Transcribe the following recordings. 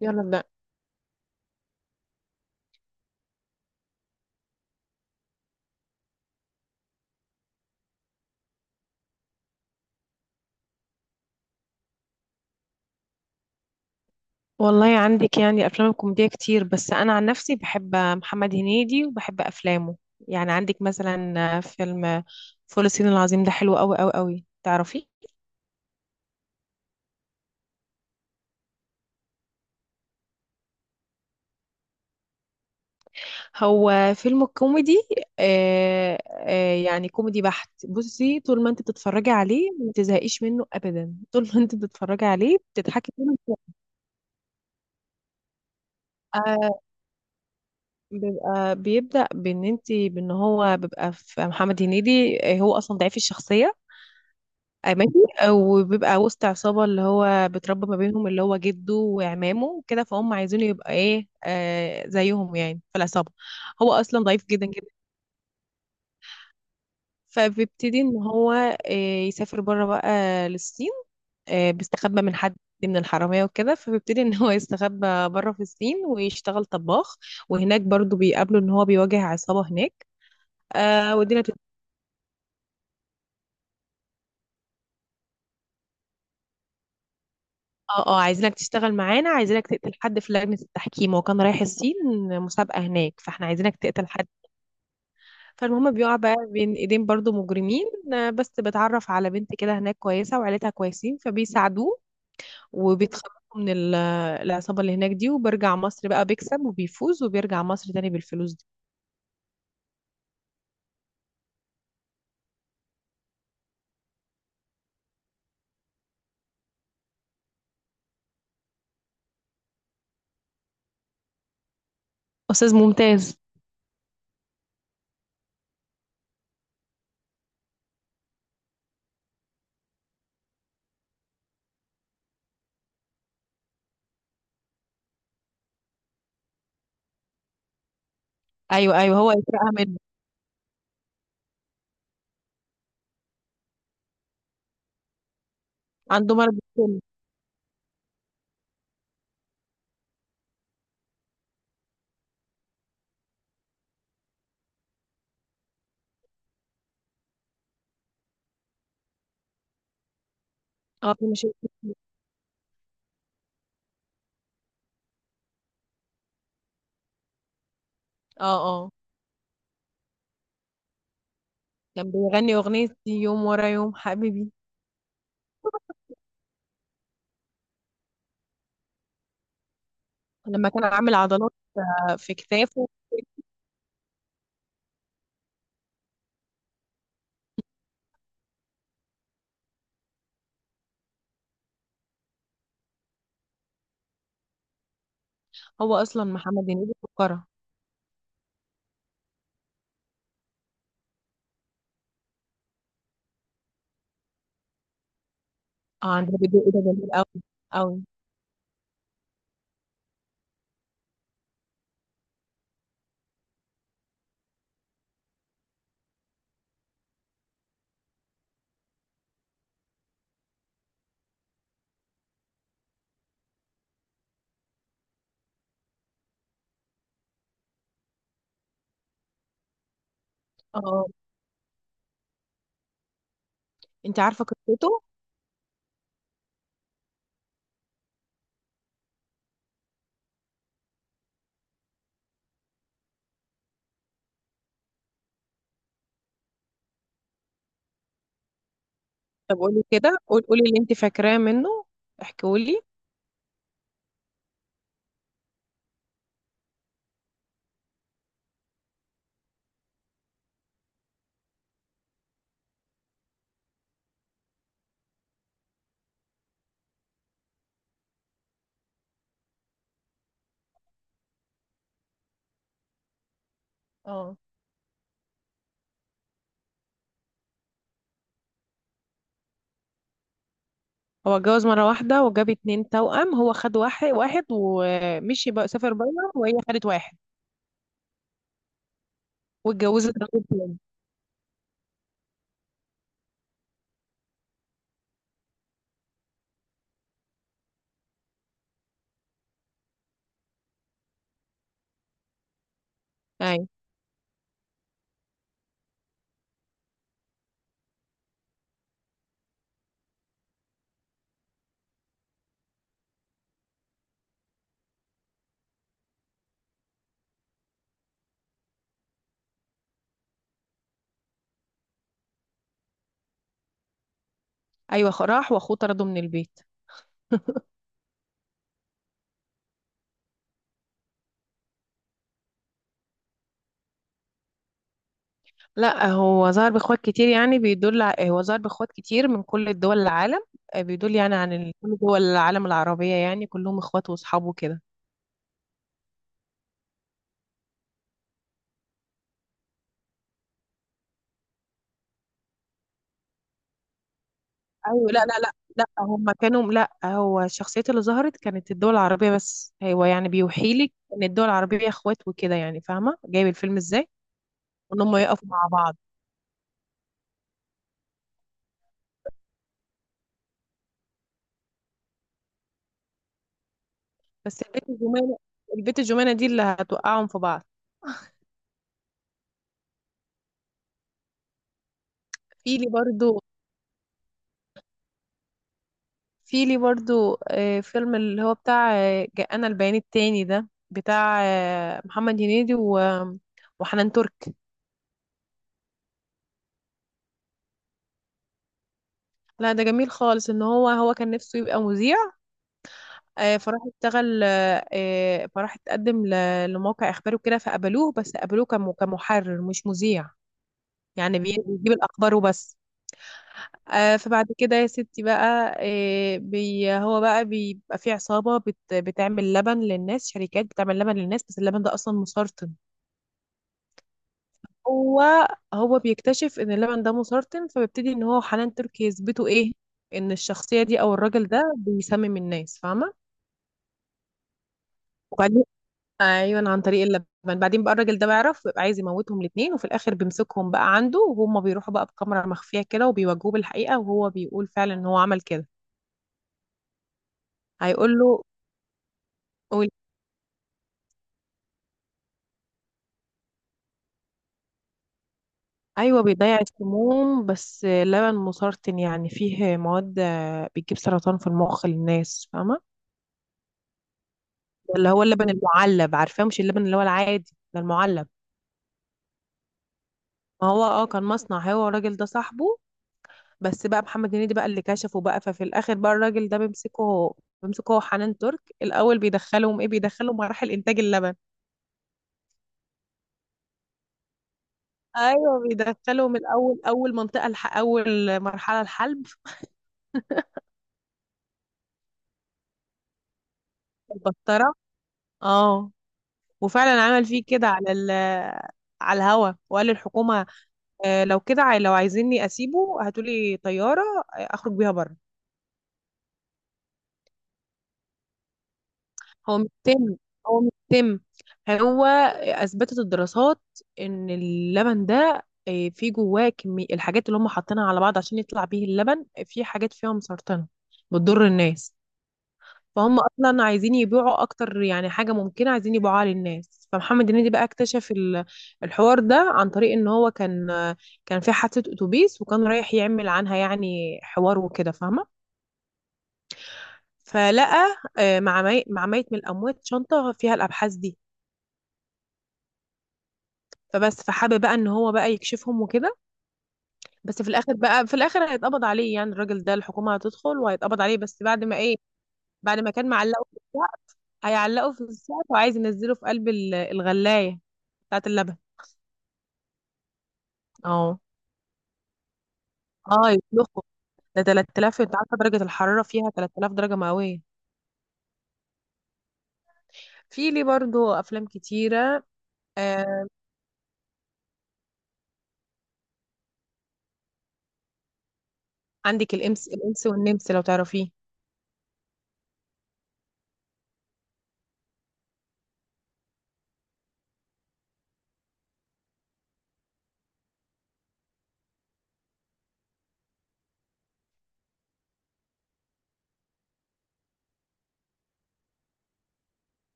يلا ابدأ. والله عندك يعني أفلام كوميدية كتير، بس أنا عن نفسي بحب محمد هنيدي وبحب أفلامه. يعني عندك مثلا فيلم فول الصين العظيم، ده حلو أوي أوي أوي، تعرفي. هو فيلم كوميدي. يعني كوميدي بحت. بصي، طول ما انت بتتفرجي عليه ما تزهقيش منه أبدا. طول ما انت بتتفرجي عليه بتضحكي منه. آه، بيبقى بيبدأ بإن انت بإن هو بيبقى في محمد هنيدي. هو أصلا ضعيف الشخصية. ماشي، وبيبقى وسط عصابة اللي هو بتربى ما بينهم، اللي هو جده وعمامه وكده، فهم عايزينه يبقى ايه، زيهم يعني في العصابة. هو أصلا ضعيف جدا جدا. فبيبتدي ان هو يسافر بره بقى للصين. بيستخبى من حد، من الحرامية وكده، فبيبتدي ان هو يستخبى بره في الصين ويشتغل طباخ. وهناك برضو بيقابله ان هو بيواجه عصابة هناك. والدنيا. اه اه، عايزينك تشتغل معانا، عايزينك تقتل حد في لجنة التحكيم. هو كان رايح الصين، مسابقة هناك، فاحنا عايزينك تقتل حد. فالمهم بيقع بقى بين ايدين برضو مجرمين. بس بتعرف على بنت كده هناك كويسة وعيلتها كويسين، فبيساعدوه وبيتخلصوا من العصابة اللي هناك دي، وبرجع مصر بقى، بيكسب وبيفوز وبيرجع مصر تاني بالفلوس دي. أستاذ ممتاز. أيوه أيوه، هو يسرقها منه. عنده مرض السم. اه، في مشاكل. اه اه، كان بيغني أغنية يوم ورا يوم حبيبي، لما كان عامل عضلات، في كتافه. هو اصلا محمد هنيدي فقره. اه، عندها بدء ده جميل قوي قوي. اه. انت عارفه قصته؟ طب قولي كده، قولي اللي انت فاكراه منه، احكيهولي. اه، هو اتجوز مرة واحدة وجاب اتنين توأم، هو خد واحد واحد ومشي بقى، سافر بره، وهي خدت واحد واتجوزت راجل تاني. أيوة أيوة، راح وأخوه طرده من البيت. لا، هو ظهر باخوات كتير، يعني هو ظهر باخوات كتير من كل دول العالم. بيدل يعني عن كل دول العالم العربية، يعني كلهم اخوات واصحابه كده. ايوه، لا لا لا لا، هم كانوا، لا، هو الشخصيات اللي ظهرت كانت الدول العربية بس، هو يعني بيوحي لك ان الدول العربية اخوات وكده، يعني فاهمة جايب الفيلم ازاي. وان هم يقفوا مع بعض. بس البيت الجمانة، البيت الجمانة دي اللي هتوقعهم في بعض. في لي برضو، في لي برضو فيلم اللي هو بتاع جاءنا البيان التاني، ده بتاع محمد هنيدي و وحنان ترك. لا، ده جميل خالص. ان هو هو كان نفسه يبقى مذيع، آه، فراح اشتغل آه، آه، فراح اتقدم لموقع اخباري وكده، فقبلوه، بس قبلوه كمحرر مش مذيع. يعني بيجيب الاخبار وبس. فبعد كده يا ستي بقى، آه، بي هو بقى بيبقى في عصابة بتعمل لبن للناس، شركات بتعمل لبن للناس، بس اللبن ده اصلا مسرطن. هو هو بيكتشف ان اللبن ده مسرطن، فبيبتدي ان هو حنان تركي يثبتوا ايه، ان الشخصيه دي او الراجل ده بيسمم الناس، فاهمه. وبعدين، ايوه عن طريق اللبن. بعدين بقى الراجل ده بيعرف ويبقى عايز يموتهم الاثنين، وفي الاخر بيمسكهم بقى عنده، وهم بيروحوا بقى بكاميرا مخفيه كده، وبيواجهوه بالحقيقه، وهو بيقول فعلا ان هو عمل كده. هيقول له. قول- ايوه بيضيع السموم، بس اللبن مسرطن، يعني فيه مواد بتجيب سرطان في المخ للناس، فاهمه. اللي هو اللبن المعلب، عارفاه؟ مش اللبن اللي هو العادي ده، المعلب. ما هو اه، كان مصنع هو والراجل ده صاحبه، بس بقى محمد هنيدي بقى اللي كشفه بقى. ففي الاخر بقى الراجل ده بيمسكه هو، حنان ترك الاول، بيدخلهم ايه، بيدخلهم مراحل انتاج اللبن. ايوه بيدخلهم الاول، اول منطقه اول مرحله الحلب. في البسطره. اه، وفعلا عمل فيه كده على على الهوا، وقال للحكومه لو كده لو عايزيني اسيبه هاتولي طياره اخرج بيها بره. هو مش سم، هو مش سم. هو اثبتت الدراسات ان اللبن ده فيه جواه كمية الحاجات اللي هم حاطينها على بعض عشان يطلع بيه اللبن، في حاجات فيها مسرطنة بتضر الناس. فهم اصلا عايزين يبيعوا اكتر، يعني حاجة ممكنة عايزين يبيعوها للناس. فمحمد هنيدي بقى اكتشف الحوار ده عن طريق ان هو كان كان في حادثة اتوبيس، وكان رايح يعمل عنها يعني حوار وكده، فاهمة. فلقى مع ميت من الاموات شنطة فيها الابحاث دي. فبس، فحابب بقى ان هو بقى يكشفهم وكده. بس في الاخر بقى، في الاخر هيتقبض عليه، يعني الراجل ده الحكومه هتدخل وهيتقبض عليه. بس بعد ما ايه؟ بعد ما كان معلقه في السقف، هيعلقه في السقف وعايز ينزله في قلب الغلايه بتاعت اللبن. اه اه، يطلقه. ده 3000، انت عارفه درجه الحراره فيها 3000 درجه مئويه. في لي برضو افلام كتيره. آه، عندك الامس الانس والنمس لو تعرفيه.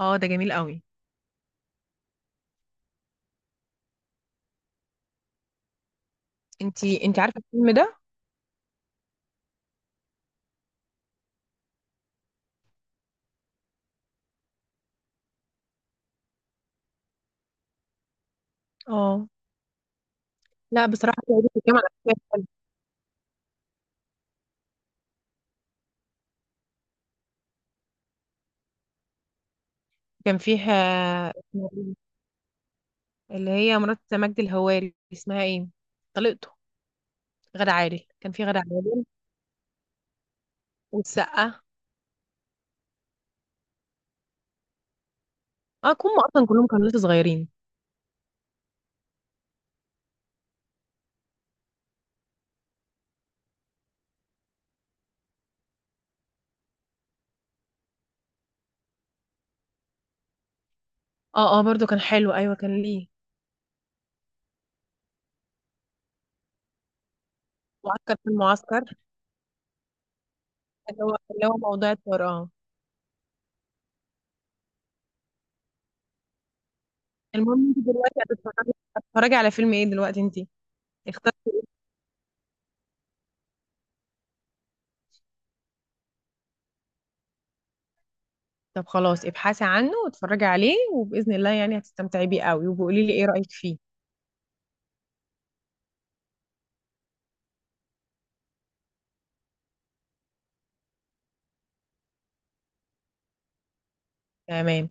اه، ده جميل قوي. انتي عارفه الفيلم ده؟ اه. لا بصراحه كان عاجبني كمان. كان فيها، اسمها إيه؟ اللي هي مرات مجد الهواري، اسمها ايه، طليقته، غادة عادل، كان في غادة عادل والسقا. اه، كهم اصلا كلهم كانوا لسه صغيرين. اه اه، برضو كان حلو، ايوه كان ليه، معسكر في المعسكر، اللي هو موضوع الطيران. المهم، انت دلوقتي هتتفرجي، هتتفرجي على فيلم ايه دلوقتي، انت اخترتي؟ طب خلاص، ابحثي عنه واتفرجي عليه، وباذن الله يعني هتستمتعي بيه قوي، وبقولي لي ايه رايك فيه. تمام.